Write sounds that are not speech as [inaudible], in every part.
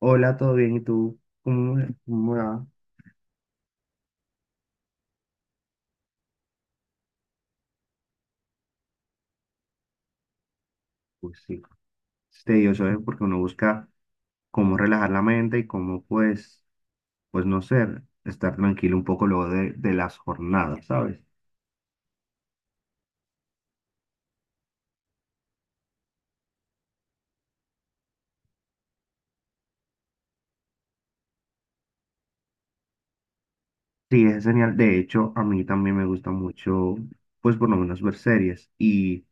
Hola, ¿todo bien? ¿Y tú? ¿Cómo va? Pues sí, es tedioso, ¿eh? Porque uno busca cómo relajar la mente y cómo, pues no ser, estar tranquilo un poco luego de las jornadas, ¿sabes? Sí, es genial. De hecho, a mí también me gusta mucho, pues por lo menos ver series. Y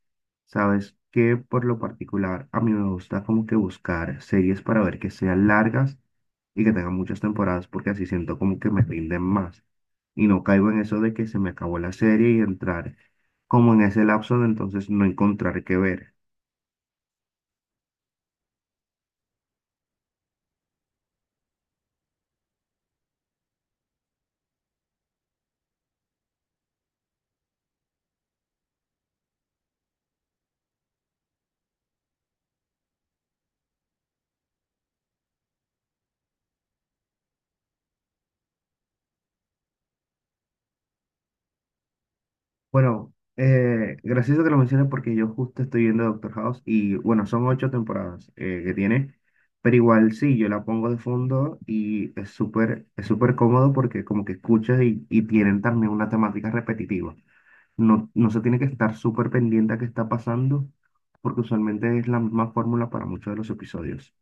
sabes que por lo particular, a mí me gusta como que buscar series para ver que sean largas y que tengan muchas temporadas, porque así siento como que me rinden más. Y no caigo en eso de que se me acabó la serie y entrar como en ese lapso de entonces no encontrar qué ver. Bueno, gracioso que lo menciones porque yo justo estoy viendo Doctor House y bueno, son ocho temporadas que tiene, pero igual sí, yo la pongo de fondo y es súper cómodo porque como que escuchas y tienen también una temática repetitiva. No, no se tiene que estar súper pendiente a qué está pasando porque usualmente es la misma fórmula para muchos de los episodios.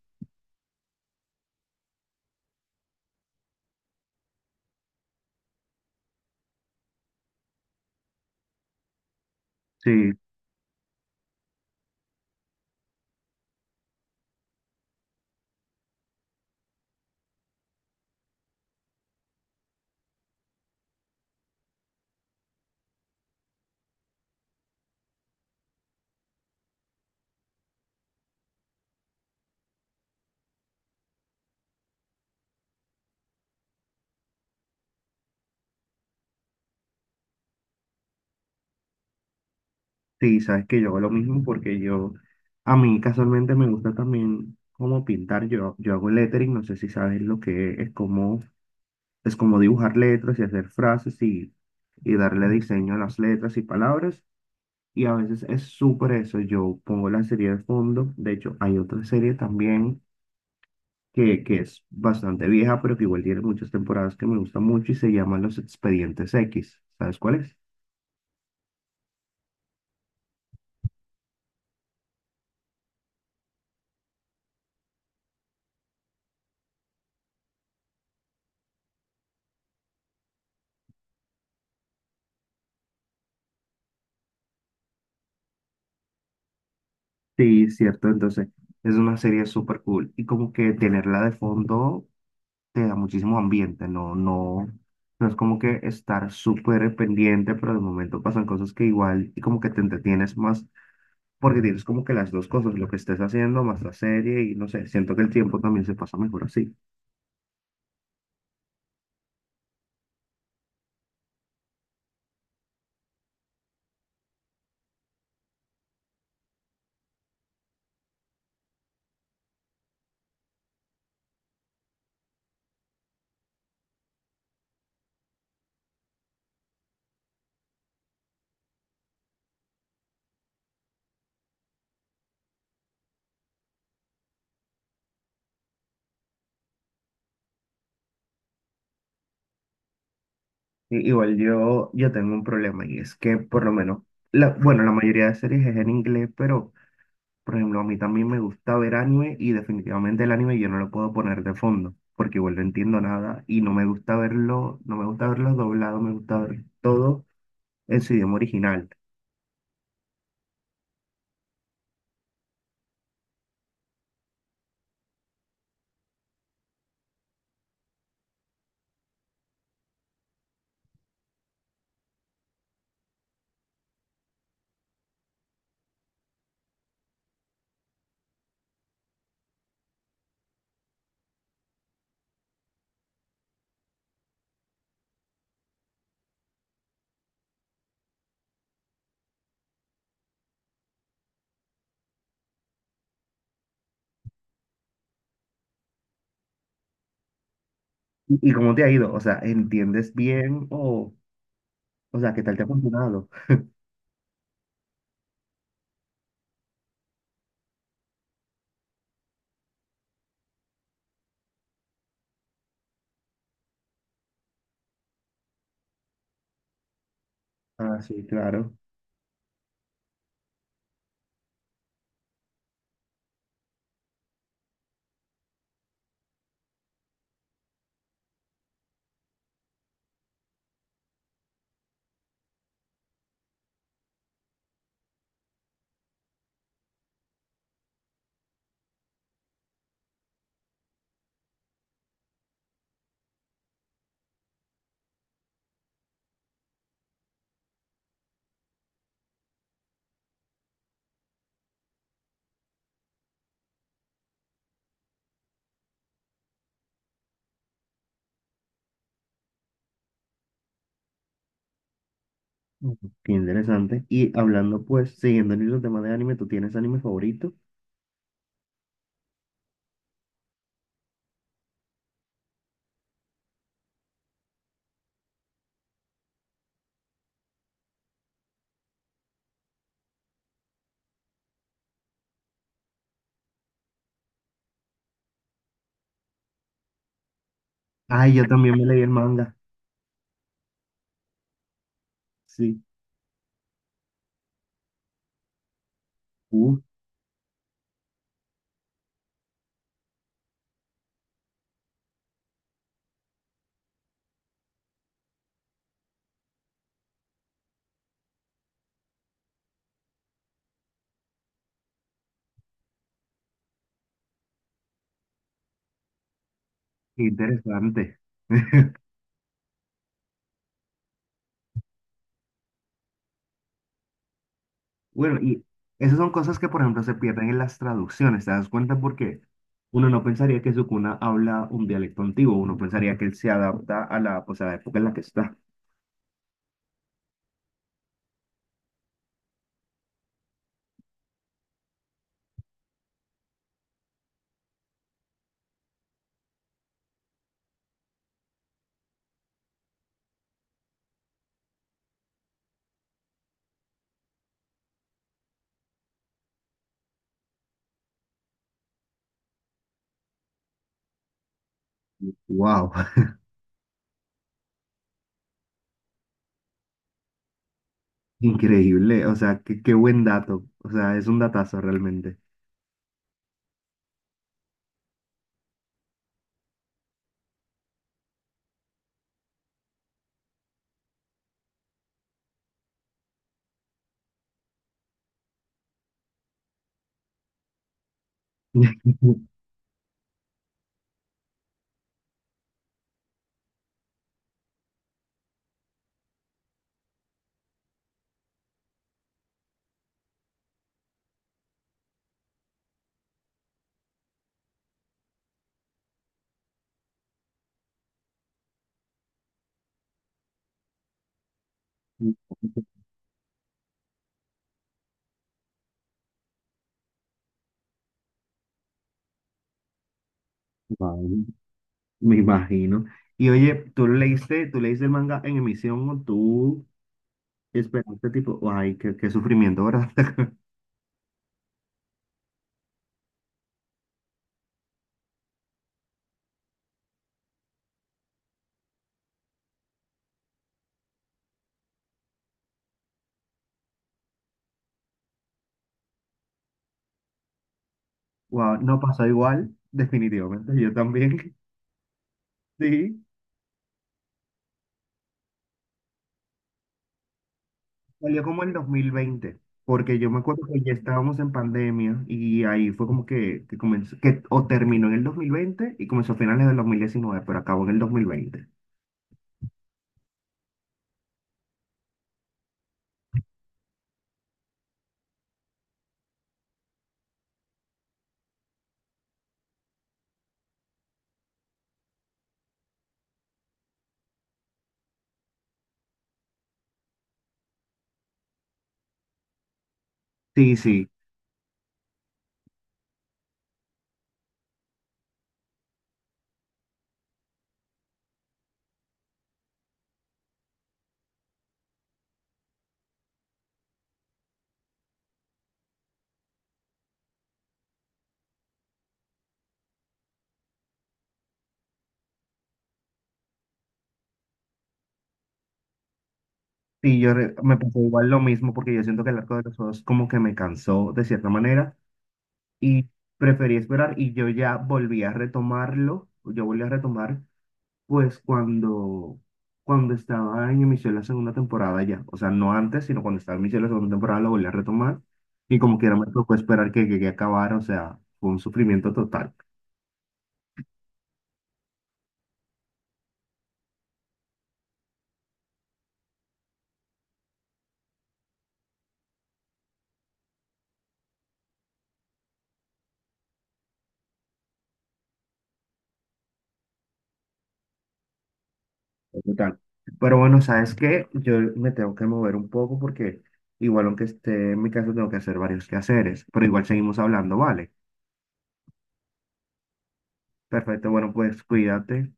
Sí, sí, sabes que yo hago lo mismo porque a mí casualmente me gusta también como pintar. Yo hago lettering, no sé si sabes lo que es como dibujar letras y hacer frases y darle diseño a las letras y palabras. Y a veces es súper eso. Yo pongo la serie de fondo. De hecho, hay otra serie también que es bastante vieja, pero que igual tiene muchas temporadas que me gusta mucho y se llama Los Expedientes X. ¿Sabes cuál es? Sí, cierto. Entonces, es una serie súper cool. Y como que tenerla de fondo te da muchísimo ambiente, no, no, no es como que estar súper pendiente, pero de momento pasan cosas que igual y como que te entretienes más, porque tienes como que las dos cosas, lo que estés haciendo más la serie y no sé, siento que el tiempo también se pasa mejor así. Igual yo tengo un problema y es que por lo menos, la, bueno, la mayoría de series es en inglés, pero... Por ejemplo, a mí también me gusta ver anime y definitivamente el anime yo no lo puedo poner de fondo porque igual no entiendo nada y no me gusta verlo, no me gusta verlo doblado, me gusta ver todo en su idioma original. ¿Y cómo te ha ido? O sea, ¿entiendes bien o sea, qué, tal te ha funcionado? Ah, sí, claro. Ujú. Qué interesante. Y hablando pues, siguiendo el mismo tema de anime, ¿tú tienes anime favorito? Ay, yo también me leí el manga. Sí. Uh, qué interesante. [laughs] Bueno, y esas son cosas que, por ejemplo, se pierden en las traducciones, ¿te das cuenta? Porque uno no pensaría que Sukuna habla un dialecto antiguo, uno pensaría que él se adapta a la, pues, a la época en la que está. ¡Wow! [laughs] Increíble, o sea, qué buen dato, o sea, es un datazo realmente. [laughs] Wow, me imagino. Y oye, ¿tú leíste el manga en emisión o tú esperaste tipo, ay, qué sufrimiento, ¿verdad? [laughs] Wow, no pasó igual, definitivamente, yo también, [laughs] sí. Salió como en 2020 porque yo me acuerdo que ya estábamos en pandemia y ahí fue como que comenzó, que o terminó en el 2020 y comenzó a finales del 2019 pero acabó en el 2020. Sí, sí, sí, me pasó igual lo mismo porque yo siento que el arco de los Osos como que me cansó de cierta manera y preferí esperar y yo ya volví a retomarlo, yo volví a retomar. Pues cuando estaba en emisión la segunda temporada ya, o sea, no antes, sino cuando estaba en emisión la segunda temporada la volví a retomar y como quiera me tocó esperar que llegue a acabar, o sea, fue un sufrimiento total, total. Pero bueno, ¿sabes qué? Yo me tengo que mover un poco porque igual aunque esté en mi casa tengo que hacer varios quehaceres, pero igual seguimos hablando, ¿vale? Perfecto, bueno, pues cuídate.